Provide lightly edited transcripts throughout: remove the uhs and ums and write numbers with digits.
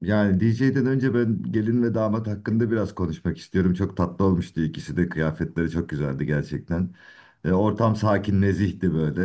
Yani DJ'den önce ben gelin ve damat hakkında biraz konuşmak istiyorum. Çok tatlı olmuştu ikisi de. Kıyafetleri çok güzeldi gerçekten. Ortam sakin, nezihti böyle.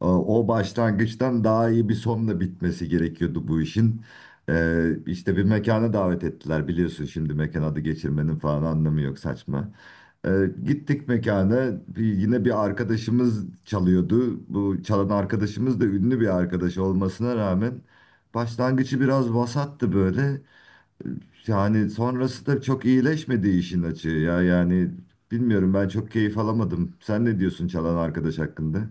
O başlangıçtan daha iyi bir sonla bitmesi gerekiyordu bu işin. İşte bir mekana davet ettiler. Biliyorsun şimdi mekan adı geçirmenin falan anlamı yok, saçma. E, Gittik mekana. Yine bir arkadaşımız çalıyordu. Bu çalan arkadaşımız da ünlü bir arkadaş olmasına rağmen... Başlangıcı biraz vasattı böyle. Yani sonrası da çok iyileşmedi işin açığı ya. Yani bilmiyorum, ben çok keyif alamadım. Sen ne diyorsun çalan arkadaş hakkında?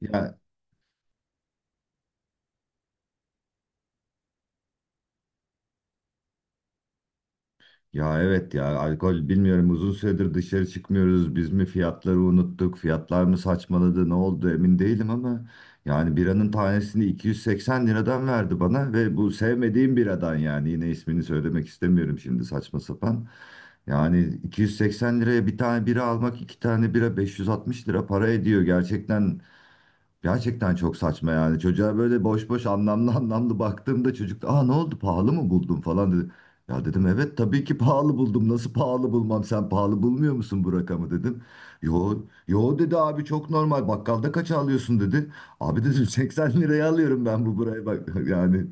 Ya Ya evet ya, alkol bilmiyorum, uzun süredir dışarı çıkmıyoruz. Biz mi fiyatları unuttuk? Fiyatlar mı saçmaladı? Ne oldu emin değilim ama yani biranın tanesini 280 liradan verdi bana ve bu sevmediğim biradan, yani yine ismini söylemek istemiyorum şimdi, saçma sapan. Yani 280 liraya bir tane bira almak, iki tane bira 560 lira para ediyor. Gerçekten çok saçma yani. Çocuğa böyle boş boş, anlamlı anlamlı baktığımda çocuk da aa ne oldu, pahalı mı buldum falan dedi. Ya dedim, evet tabii ki pahalı buldum. Nasıl pahalı bulmam, sen pahalı bulmuyor musun bu rakamı dedim. Yo, yo dedi abi, çok normal, bakkalda kaça alıyorsun dedi. Abi dedim 80 liraya alıyorum ben, bu buraya bak yani.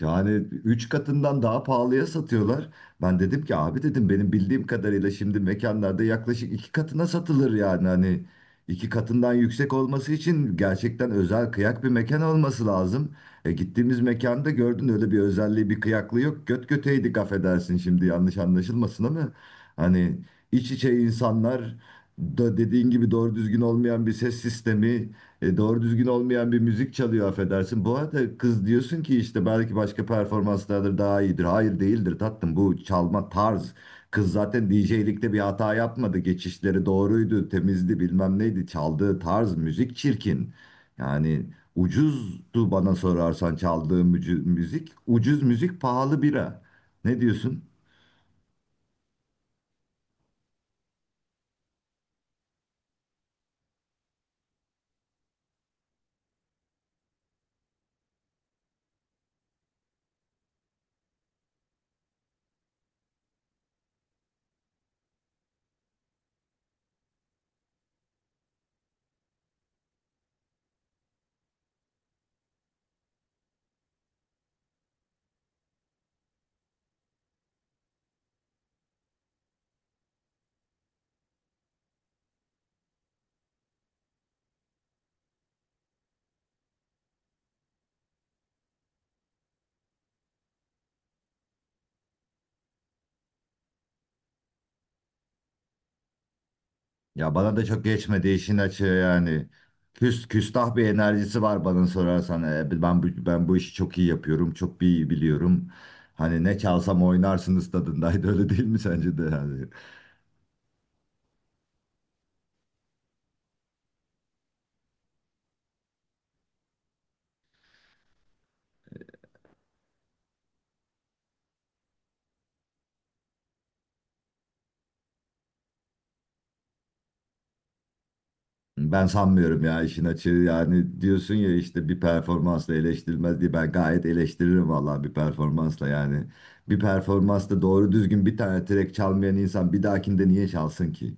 Yani 3 katından daha pahalıya satıyorlar. Ben dedim ki abi dedim, benim bildiğim kadarıyla şimdi mekanlarda yaklaşık 2 katına satılır yani, hani 2 katından yüksek olması için gerçekten özel kıyak bir mekan olması lazım. E gittiğimiz mekanda gördün, öyle bir özelliği bir kıyaklığı yok. Göt göteydik affedersin, şimdi yanlış anlaşılmasın ama hani iç içe insanlar, da dediğin gibi doğru düzgün olmayan bir ses sistemi, doğru düzgün olmayan bir müzik çalıyor affedersin. Bu arada kız diyorsun ki işte belki başka performanslardır, daha iyidir. Hayır değildir tatlım, bu çalma tarz. Kız zaten DJ'likte bir hata yapmadı. Geçişleri doğruydu, temizdi, bilmem neydi. Çaldığı tarz müzik çirkin. Yani ucuzdu bana sorarsan çaldığım müzik. Ucuz müzik, pahalı bira. Ne diyorsun? Ya bana da çok geçmedi işin açığı yani. Küstah bir enerjisi var bana sorarsan. Ben bu işi çok iyi yapıyorum, çok iyi biliyorum. Hani ne çalsam oynarsınız tadındaydı öyle değil mi sence de yani? Ben sanmıyorum ya işin açığı yani. Diyorsun ya işte bir performansla eleştirilmez diye, ben gayet eleştiririm vallahi bir performansla yani. Bir performansta doğru düzgün bir tane track çalmayan insan bir dahakinde niye çalsın ki?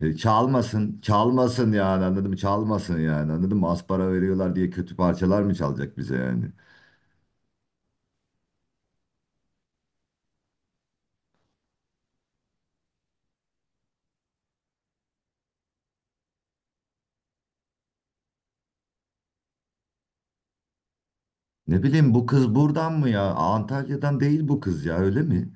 Çalmasın, çalmasın yani, anladım, çalmasın yani, anladım. Az para veriyorlar diye kötü parçalar mı çalacak bize yani? Ne bileyim, bu kız buradan mı ya? Antalya'dan değil bu kız, ya öyle mi?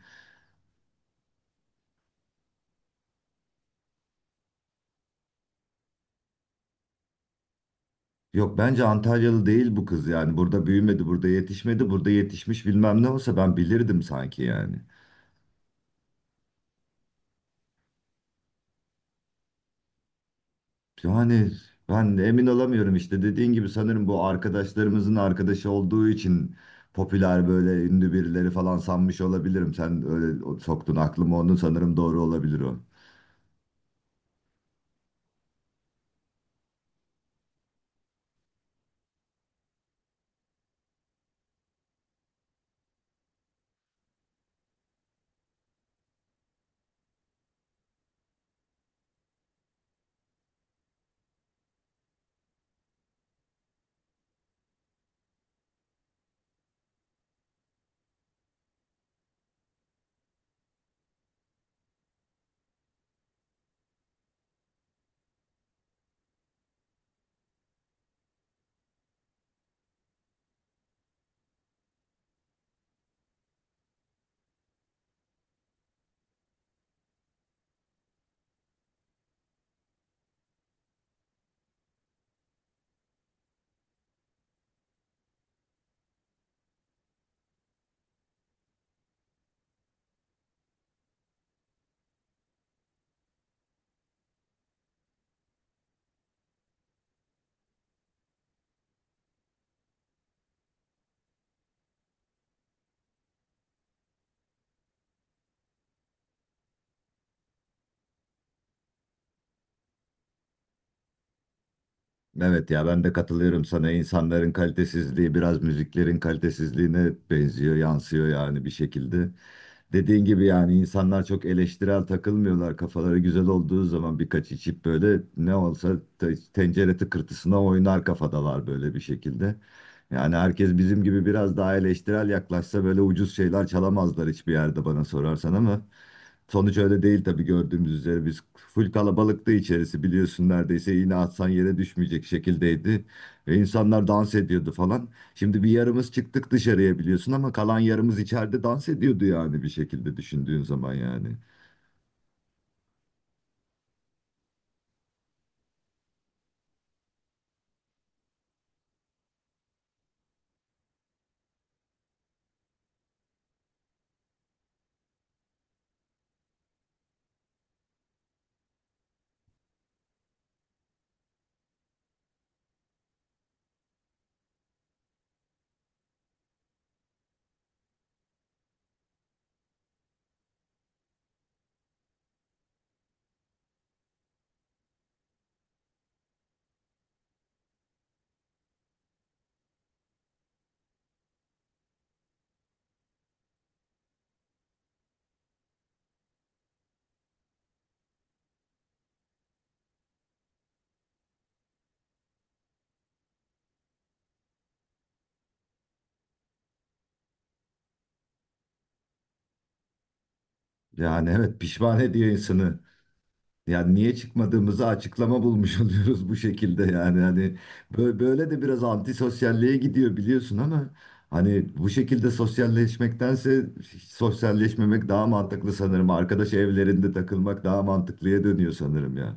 Yok bence Antalyalı değil bu kız yani. Burada büyümedi, burada yetişmedi, burada yetişmiş bilmem ne olsa ben bilirdim sanki yani. Yani ben de emin olamıyorum, işte dediğin gibi sanırım bu arkadaşlarımızın arkadaşı olduğu için popüler, böyle ünlü birileri falan sanmış olabilirim. Sen öyle soktun aklıma onu, sanırım doğru olabilir o. Evet ya, ben de katılıyorum sana. İnsanların kalitesizliği biraz müziklerin kalitesizliğine benziyor, yansıyor yani bir şekilde. Dediğin gibi yani insanlar çok eleştirel takılmıyorlar. Kafaları güzel olduğu zaman, birkaç içip böyle, ne olsa tencere tıkırtısına oynar kafadalar böyle bir şekilde. Yani herkes bizim gibi biraz daha eleştirel yaklaşsa böyle ucuz şeyler çalamazlar hiçbir yerde bana sorarsan ama. Sonuç öyle değil tabii, gördüğümüz üzere biz full kalabalıktı içerisi biliyorsun, neredeyse iğne atsan yere düşmeyecek şekildeydi. Ve insanlar dans ediyordu falan. Şimdi bir yarımız çıktık dışarıya biliyorsun ama kalan yarımız içeride dans ediyordu yani, bir şekilde düşündüğün zaman yani. Yani evet, pişman ediyor insanı. Yani niye çıkmadığımızı açıklama bulmuş oluyoruz bu şekilde yani, hani böyle de biraz antisosyalliğe gidiyor biliyorsun ama hani bu şekilde sosyalleşmektense hiç sosyalleşmemek daha mantıklı sanırım. Arkadaş evlerinde takılmak daha mantıklıya dönüyor sanırım ya.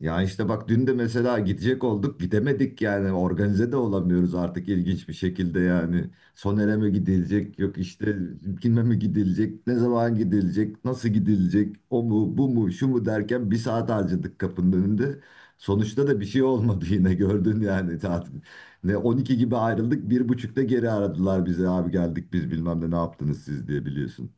Ya işte bak, dün de mesela gidecek olduk, gidemedik yani, organize de olamıyoruz artık ilginç bir şekilde yani. Soner'e mi gidilecek, yok işte kime mi gidilecek, ne zaman gidilecek, nasıl gidilecek, o mu bu mu şu mu derken bir saat harcadık kapının önünde. Sonuçta da bir şey olmadı yine, gördün yani tatil. Ne 12 gibi ayrıldık, bir buçukta geri aradılar bize, abi geldik biz bilmem ne, ne yaptınız siz diye, biliyorsun.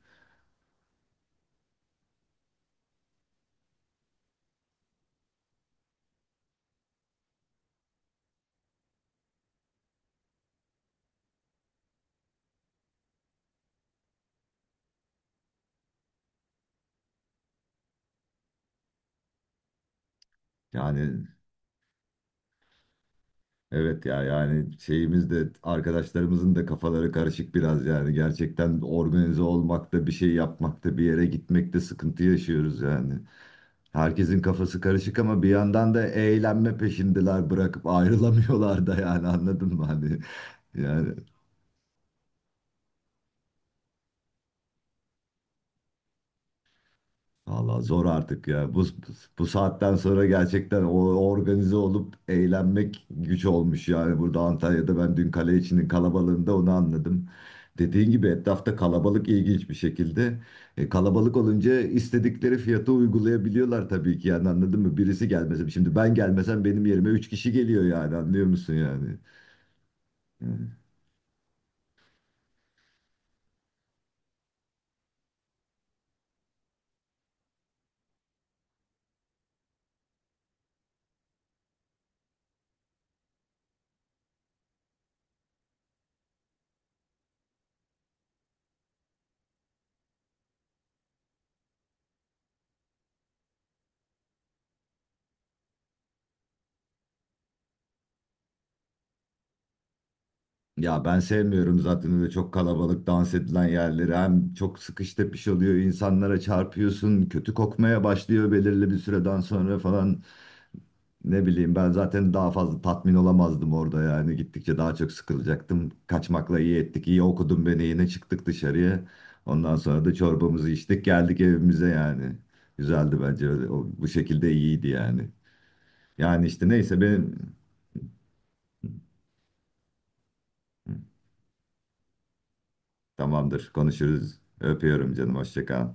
Yani evet ya, yani şeyimiz de, arkadaşlarımızın da kafaları karışık biraz yani, gerçekten organize olmakta, bir şey yapmakta, bir yere gitmekte sıkıntı yaşıyoruz yani. Herkesin kafası karışık ama bir yandan da eğlenme peşindeler, bırakıp ayrılamıyorlar da, yani anladın mı hani yani. Valla zor artık ya. Bu saatten sonra gerçekten o organize olup eğlenmek güç olmuş yani. Burada Antalya'da ben dün kale içinin kalabalığında onu anladım. Dediğin gibi, etrafta kalabalık ilginç bir şekilde. Kalabalık olunca istedikleri fiyatı uygulayabiliyorlar tabii ki yani, anladın mı? Birisi gelmesin. Şimdi ben gelmesem benim yerime 3 kişi geliyor yani, anlıyor musun yani? Yani. Ya ben sevmiyorum zaten öyle çok kalabalık dans edilen yerleri. Hem çok sıkış tepiş oluyor, insanlara çarpıyorsun, kötü kokmaya başlıyor belirli bir süreden sonra falan. Ne bileyim, ben zaten daha fazla tatmin olamazdım orada yani. Gittikçe daha çok sıkılacaktım. Kaçmakla iyi ettik, iyi okudun beni, yine çıktık dışarıya. Ondan sonra da çorbamızı içtik, geldik evimize yani. Güzeldi bence öyle. O, bu şekilde iyiydi yani. Yani işte neyse benim... Tamamdır, konuşuruz. Öpüyorum canım, hoşça kal.